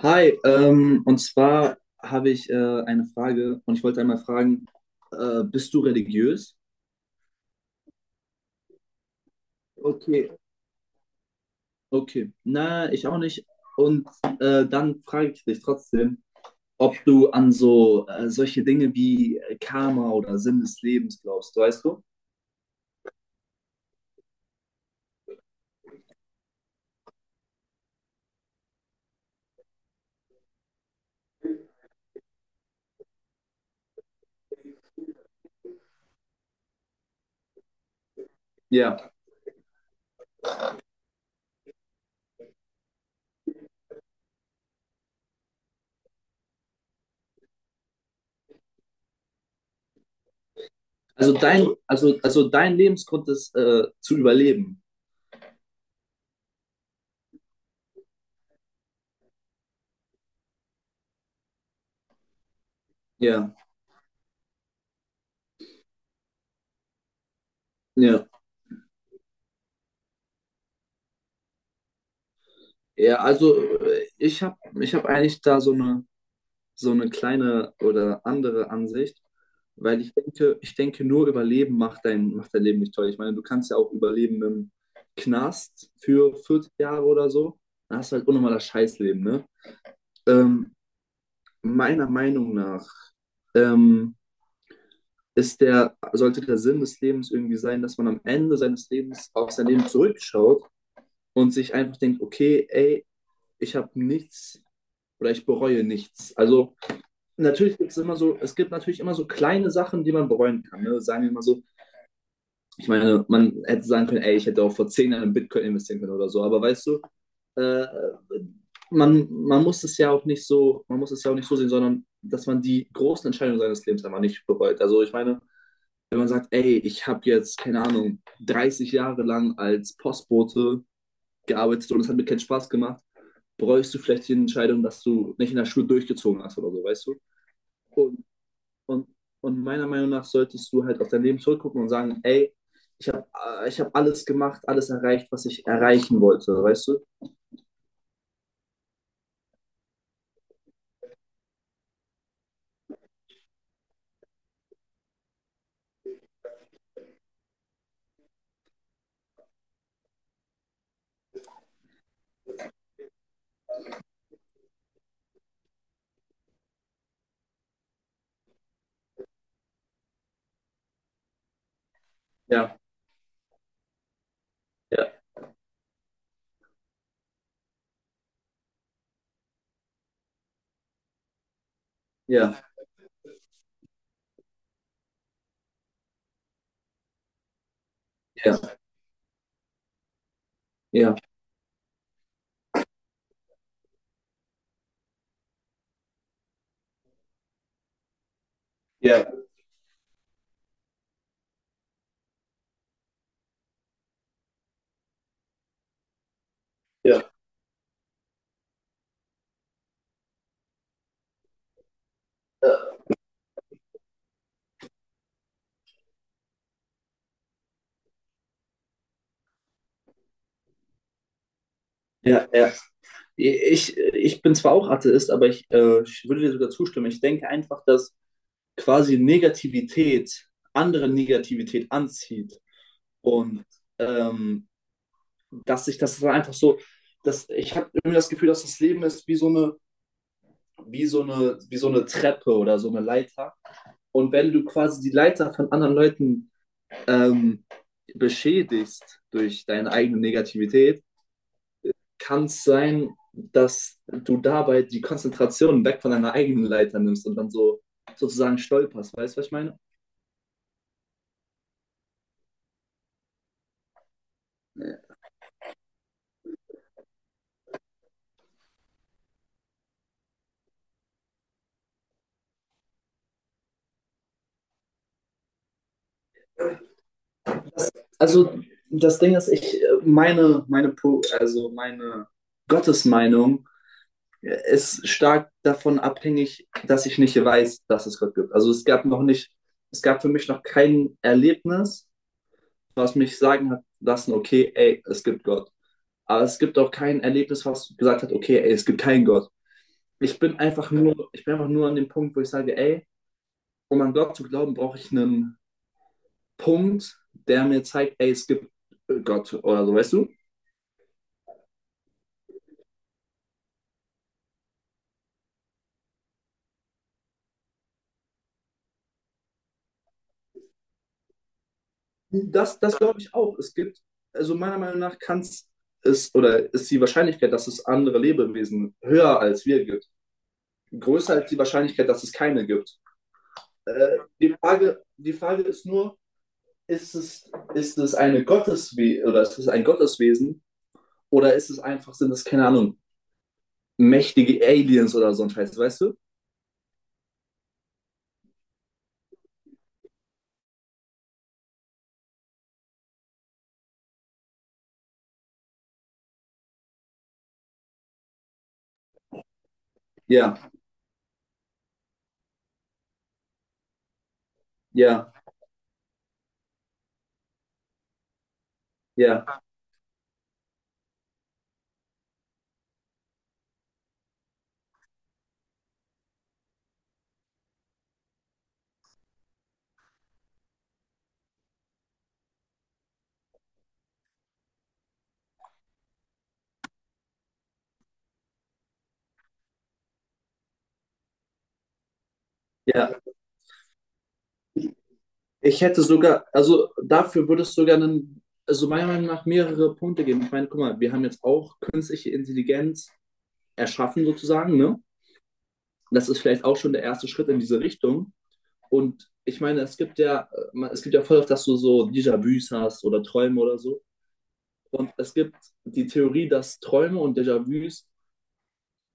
Hi, und zwar habe ich eine Frage und ich wollte einmal fragen, bist du religiös? Okay. Okay, na, ich auch nicht. Und dann frage ich dich trotzdem, ob du an so solche Dinge wie Karma oder Sinn des Lebens glaubst, weißt du? Ja, also dein Lebensgrund ist zu überleben. Ja, Ja, ja, also ich hab eigentlich da so eine, so eine kleine oder andere Ansicht, weil ich denke, nur Überleben macht dein Leben nicht toll. Ich meine, du kannst ja auch überleben im Knast für 40 Jahre oder so. Dann hast du halt unnormal das Scheißleben, ne? Ähm, Meiner Meinung nach ähm, ist der Sinn des Lebens irgendwie sein, dass man am Ende seines Lebens auf sein Leben zurückschaut und sich einfach denkt: okay, ey, ich habe nichts, oder ich bereue nichts. Also natürlich gibt es immer so, es gibt natürlich immer so kleine Sachen, die man bereuen kann, ne? Sagen wir mal so, ich meine, man hätte sagen können, ey, ich hätte auch vor 10 Jahren in Bitcoin investieren können oder so, aber weißt du, äh, man, man muss es ja auch nicht so, man muss es ja auch nicht so sehen, sondern dass man die großen Entscheidungen seines Lebens einfach nicht bereut. Also ich meine, wenn man sagt, ey, ich habe jetzt, keine Ahnung, 30 Jahre lang als Postbote gearbeitet und es hat mir keinen Spaß gemacht, bereust du vielleicht die Entscheidung, dass du nicht in der Schule durchgezogen hast oder so, weißt du? Und Und, und meiner Meinung nach solltest du halt auf dein Leben zurückgucken und sagen, ey, ich habe ich hab alles gemacht, alles erreicht, was ich erreichen wollte, weißt du? Ja, ja. Ja, ja, ja, ja, ja. Ja, ja. Ich bin zwar auch Atheist, aber ich, ich würde dir sogar zustimmen. Ich denke einfach, dass quasi Negativität andere Negativität anzieht und ähm, dass sich das dann einfach so, dass ich habe irgendwie das Gefühl, dass das Leben ist wie so eine, wie so eine, wie so eine Treppe oder so eine Leiter. Und wenn du quasi die Leiter von anderen Leuten ähm, beschädigst durch deine eigene Negativität, kann es sein, dass du dabei die Konzentration weg von deiner eigenen Leiter nimmst und dann so sozusagen stolperst. Weißt du, was ich meine? Also das Ding ist, ich meine, meine, also meine Gottesmeinung ist stark davon abhängig, dass ich nicht weiß, dass es Gott gibt. Also es gab für mich noch kein Erlebnis, was mich sagen hat lassen: okay, ey, es gibt Gott. Aber es gibt auch kein Erlebnis, was gesagt hat: okay, ey, es gibt keinen Gott. Ich bin einfach nur an dem Punkt, wo ich sage: ey, um an Gott zu glauben, brauche ich einen Punkt, der mir zeigt, ey, es gibt Gott oder so, weißt du? Das glaube ich auch. Es gibt, also meiner Meinung nach kann es oder ist die Wahrscheinlichkeit, dass es andere Lebewesen höher als wir gibt, größer als die Wahrscheinlichkeit, dass es keine gibt. Die Frage ist nur, ist es eine Gotteswe oder ist es ein Gotteswesen oder ist es einfach, sind es, keine Ahnung, mächtige Aliens oder so ein Scheiß, weißt du? Ja, ja, ja, ja. Ich hätte sogar, also dafür würde es sogar einen, also meiner Meinung nach mehrere Punkte geben. Ich meine, guck mal, wir haben jetzt auch künstliche Intelligenz erschaffen sozusagen, ne? Das ist vielleicht auch schon der erste Schritt in diese Richtung. Und ich meine, es gibt ja, es gibt ja voll oft, dass du so Déjà-vus hast oder Träume oder so. Und es gibt die Theorie, dass Träume und Déjà-vus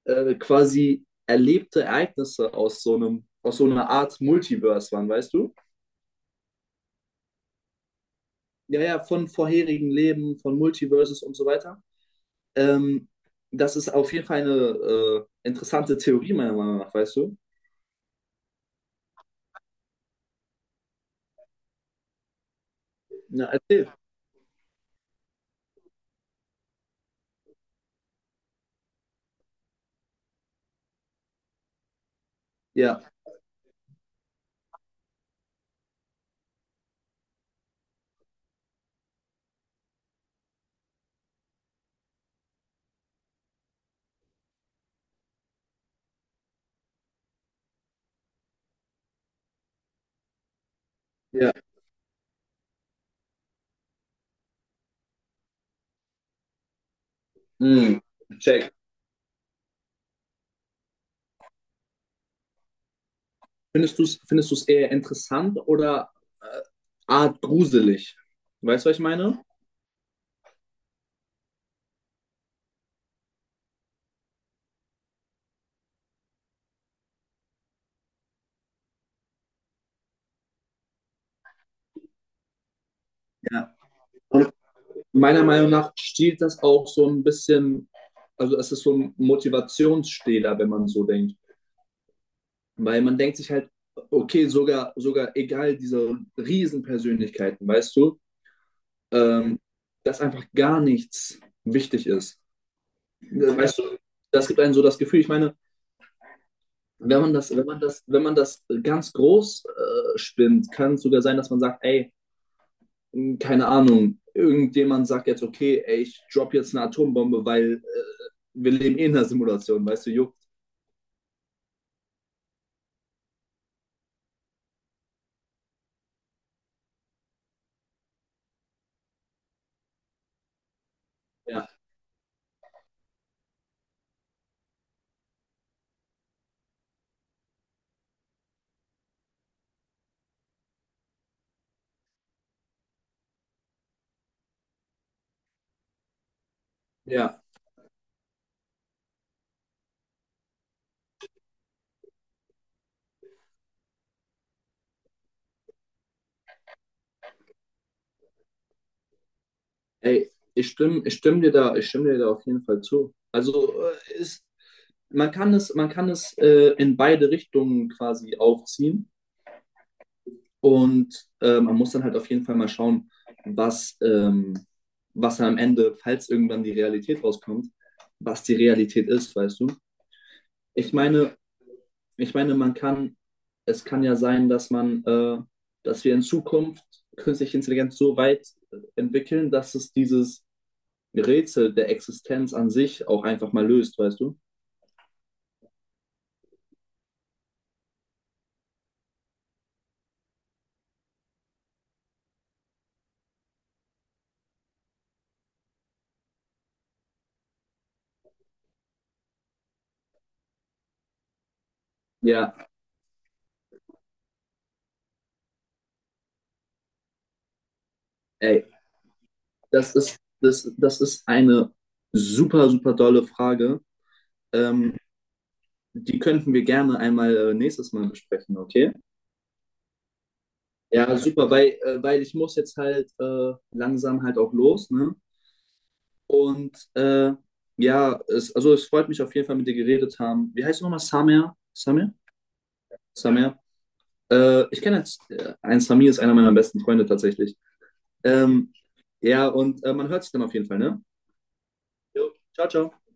quasi erlebte Ereignisse aus so einem, aus so einer Art Multiverse waren, weißt du? Ja, ja, von vorherigen Leben, von Multiverses und so weiter. Ähm, das ist auf jeden Fall eine interessante Theorie, meiner Meinung nach, weißt du? Ja, erzähl. Ja, ja. Mm, check. Findest du's eher interessant oder äh, art gruselig? Weißt du, was ich meine? Ja. Und meiner Meinung nach stiehlt das auch so ein bisschen, also es ist so ein Motivationsstehler, wenn man so denkt. Weil man denkt sich halt, okay, sogar egal diese Riesenpersönlichkeiten, weißt du, ähm, dass einfach gar nichts wichtig ist. Weißt du, das gibt einem so das Gefühl. Ich meine, wenn man das ganz groß spinnt, kann es sogar sein, dass man sagt, ey, keine Ahnung, irgendjemand sagt jetzt: okay, ey, ich drop jetzt eine Atombombe, weil wir leben eh in einer Simulation, weißt du, juckt. Ja, ja. Ey, ich stimme dir da auf jeden Fall zu. Also man kann es, in beide Richtungen quasi aufziehen. Und man muss dann halt auf jeden Fall mal schauen, was, ähm, was am Ende, falls irgendwann die Realität rauskommt, was die Realität ist, weißt du? Ich meine, man kann, es kann ja sein, dass dass wir in Zukunft künstliche Intelligenz so weit entwickeln, dass es dieses Rätsel der Existenz an sich auch einfach mal löst, weißt du? Ja, ey, das ist eine super dolle Frage. Ähm, Die könnten wir gerne einmal nächstes Mal besprechen, okay? Ja, super, weil, weil ich muss jetzt halt langsam halt auch los, ne? Und ja, also es freut mich auf jeden Fall, mit dir geredet haben. Wie heißt du nochmal? Samir? Samir? Samir? Ich kenne jetzt, ein Samir ist einer meiner besten Freunde tatsächlich. Ähm, ja, und man hört sich dann auf jeden Fall, ne? Jo, ciao, ciao.